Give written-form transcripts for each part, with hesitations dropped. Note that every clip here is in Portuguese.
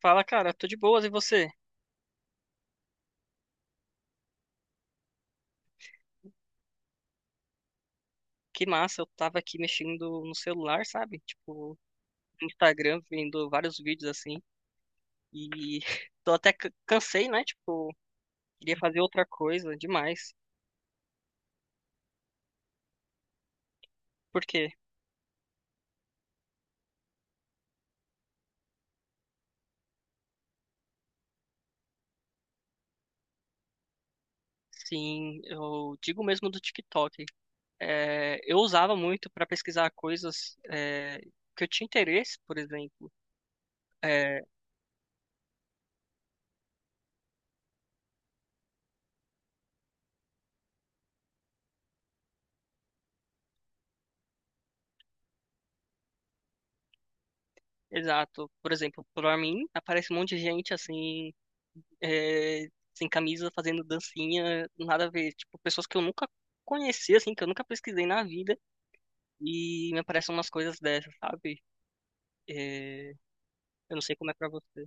Fala, cara, tô de boas e você? Que massa, eu tava aqui mexendo no celular, sabe? Tipo, no Instagram, vendo vários vídeos assim. E tô até cansei, né? Tipo, queria fazer outra coisa demais. Por quê? Sim, eu digo mesmo do TikTok. É, eu usava muito pra pesquisar coisas que eu tinha interesse, por exemplo. É, exato. Por exemplo, pra mim, aparece um monte de gente assim. é, sem camisa, fazendo dancinha, nada a ver. Tipo, pessoas que eu nunca conheci, assim, que eu nunca pesquisei na vida, e me aparecem umas coisas dessas, sabe? É, eu não sei como é pra você.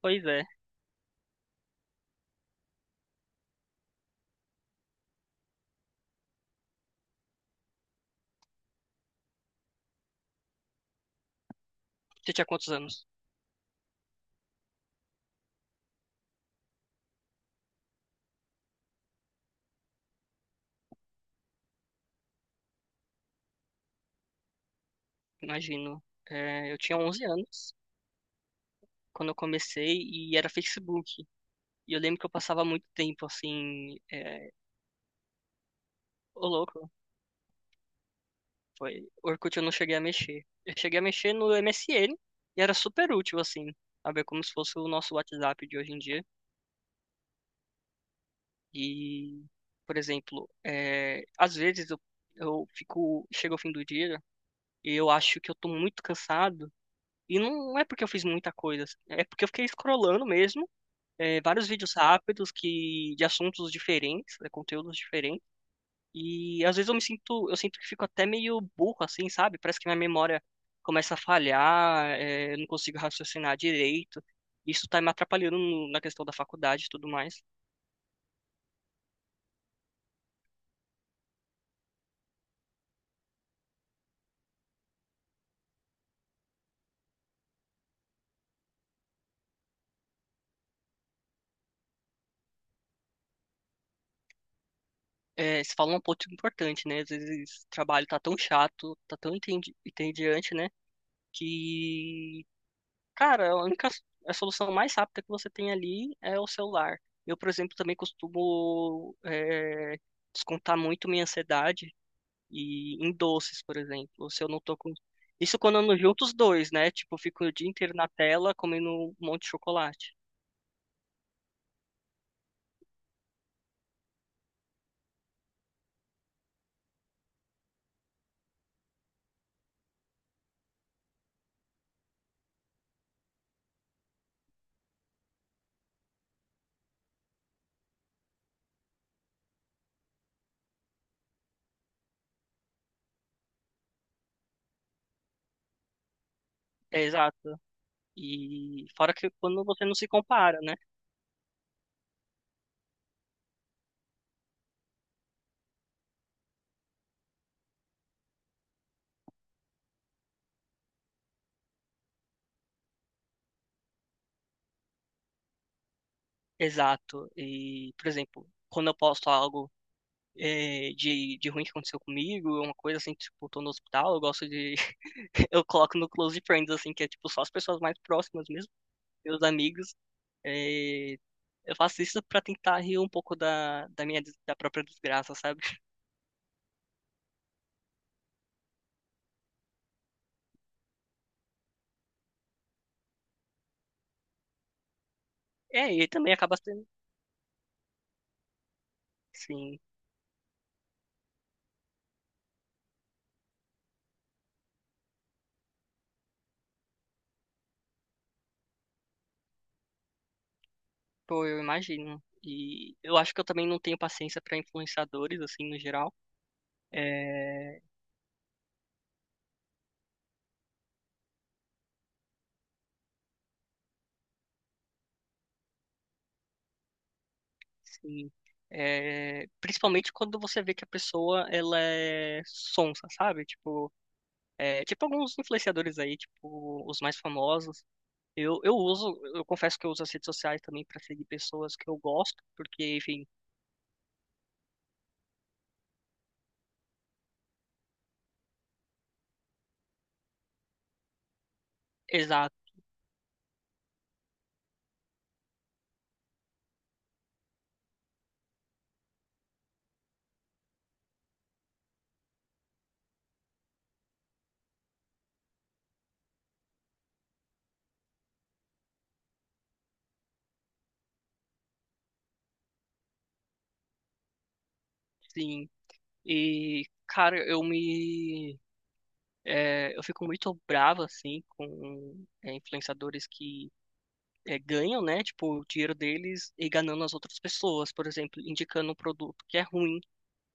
Pois é. Você tinha quantos anos? Imagino. É, eu tinha 11 anos quando eu comecei e era Facebook. E eu lembro que eu passava muito tempo assim. Ô, louco, foi. Orkut eu não cheguei a mexer. Eu cheguei a mexer no MSN e era super útil, assim. Sabe? É como se fosse o nosso WhatsApp de hoje em dia. E, por exemplo, às vezes eu fico, chega ao fim do dia e eu acho que eu tô muito cansado. E não é porque eu fiz muita coisa, é porque eu fiquei scrollando mesmo, vários vídeos rápidos que de assuntos diferentes, né, conteúdos diferentes. E às vezes eu sinto que fico até meio burro assim, sabe? Parece que minha memória começa a falhar, eu não consigo raciocinar direito. Isso tá me atrapalhando na questão da faculdade e tudo mais. É, você falou um ponto importante, né? Às vezes o trabalho tá tão chato, tá tão entediante, né? Que, cara, a solução mais rápida que você tem ali é o celular. Eu, por exemplo, também costumo descontar muito minha ansiedade e em doces, por exemplo. Se eu não tô com. Isso quando eu não junto os dois, né? Tipo, eu fico o dia inteiro na tela comendo um monte de chocolate. É exato. E fora que quando você não se compara, né? Exato. E, por exemplo, quando eu posto algo de ruim que aconteceu comigo, uma coisa assim, tipo, tô no hospital, eu gosto de. Eu coloco no Close Friends, assim, que é tipo só as pessoas mais próximas mesmo, meus amigos. Eh, eu faço isso pra tentar rir um pouco da própria desgraça, sabe? É, e também acaba sendo. Sim, pô, eu imagino. E eu acho que eu também não tenho paciência pra influenciadores, assim, no geral. É, sim. É, principalmente quando você vê que a pessoa ela é sonsa, sabe? Tipo, tipo alguns influenciadores aí, tipo os mais famosos. Eu confesso que eu uso as redes sociais também pra seguir pessoas que eu gosto, porque, enfim, exato, sim. E, cara, eu fico muito bravo assim com influenciadores que ganham, né? Tipo, o dinheiro deles e enganando as outras pessoas, por exemplo, indicando um produto que é ruim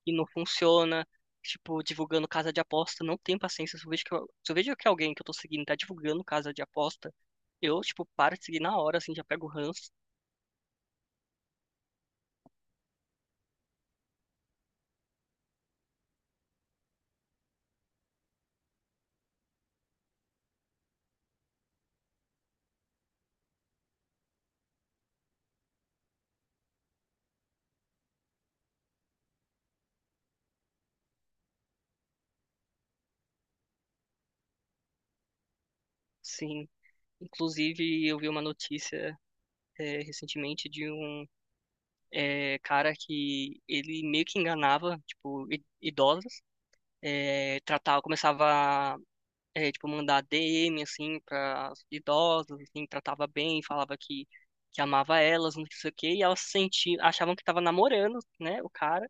e não funciona, tipo, divulgando casa de aposta, não tenho paciência. Se eu vejo que, eu- se eu vejo que alguém que eu tô seguindo tá divulgando casa de aposta, eu, tipo, paro de seguir na hora, assim, já pego o ranço, sim. Inclusive, eu vi uma notícia recentemente de um cara que ele meio que enganava, tipo, idosas, tratava, começava tipo, mandar DM, assim, para idosas, assim, tratava bem, falava que amava elas, não sei o quê, e elas se sentiam, achavam que tava namorando, né, o cara,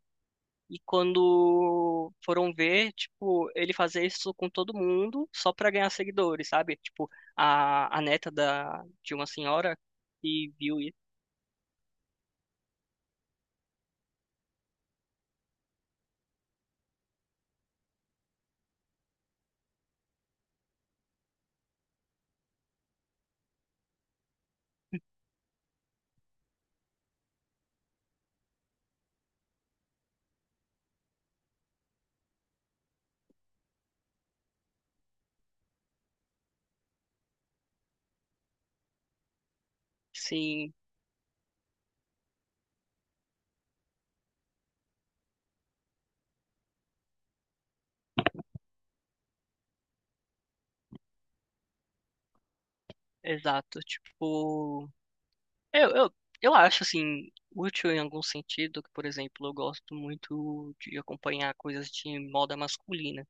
e quando foram ver, tipo, ele fazia isso com todo mundo só pra ganhar seguidores, sabe? Tipo, a neta de uma senhora que viu isso, sim, exato, tipo... Eu, eu, eu acho, assim, útil em algum sentido, que, por exemplo, eu gosto muito de acompanhar coisas de moda masculina.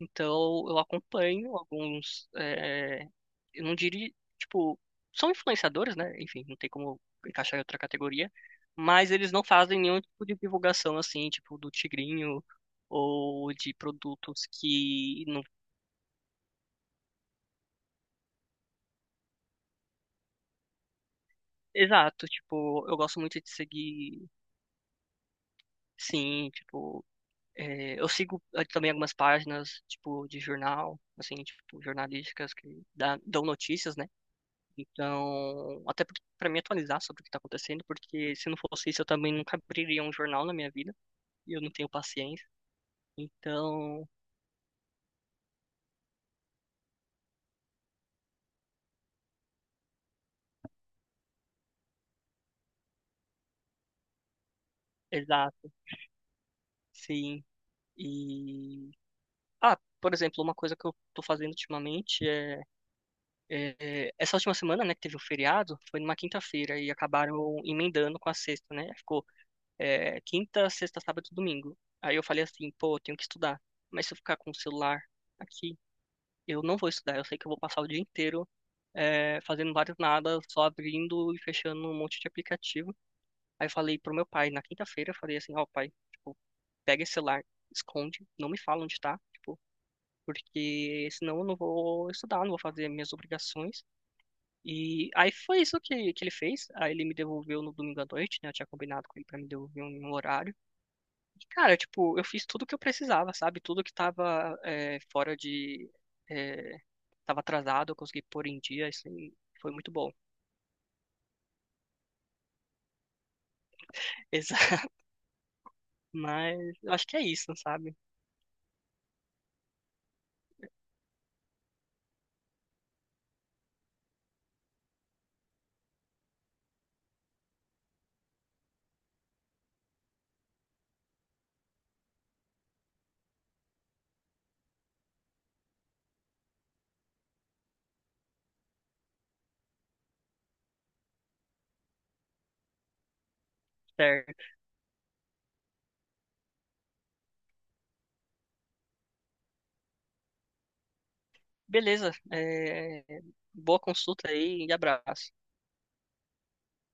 Então, eu acompanho alguns, eu não diria, tipo, são influenciadores, né? Enfim, não tem como encaixar em outra categoria, mas eles não fazem nenhum tipo de divulgação, assim, tipo, do tigrinho ou de produtos que não... Exato, tipo, eu gosto muito de seguir, sim, tipo... É, eu sigo também algumas páginas, tipo, de jornal, assim, tipo, jornalísticas que dão notícias, né? Então, até para me atualizar sobre o que tá acontecendo, porque se não fosse isso, eu também nunca abriria um jornal na minha vida, e eu não tenho paciência. Então, exato, sim. E, ah, por exemplo, uma coisa que eu tô fazendo ultimamente é, essa última semana, né, que teve o feriado, foi numa quinta-feira, e acabaram emendando com a sexta, né? Ficou quinta, sexta, sábado e domingo. Aí eu falei assim, pô, eu tenho que estudar. Mas se eu ficar com o celular aqui, eu não vou estudar. Eu sei que eu vou passar o dia inteiro fazendo vários nada, só abrindo e fechando um monte de aplicativo. Aí eu falei pro meu pai, na quinta-feira, eu falei assim, ó, pai, tipo, pega esse celular, esconde, não me fala onde tá, tipo, porque senão eu não vou estudar, não vou fazer minhas obrigações. E aí foi isso que ele fez. Aí ele me devolveu no domingo à noite, né? Eu tinha combinado com ele pra me devolver em um horário. E, cara, tipo, eu fiz tudo o que eu precisava, sabe? Tudo que tava fora de. É, tava atrasado, eu consegui pôr em dia, isso aí foi muito bom. Exato. Mas eu acho que é isso, sabe? Certo. Beleza. Boa consulta aí e abraço.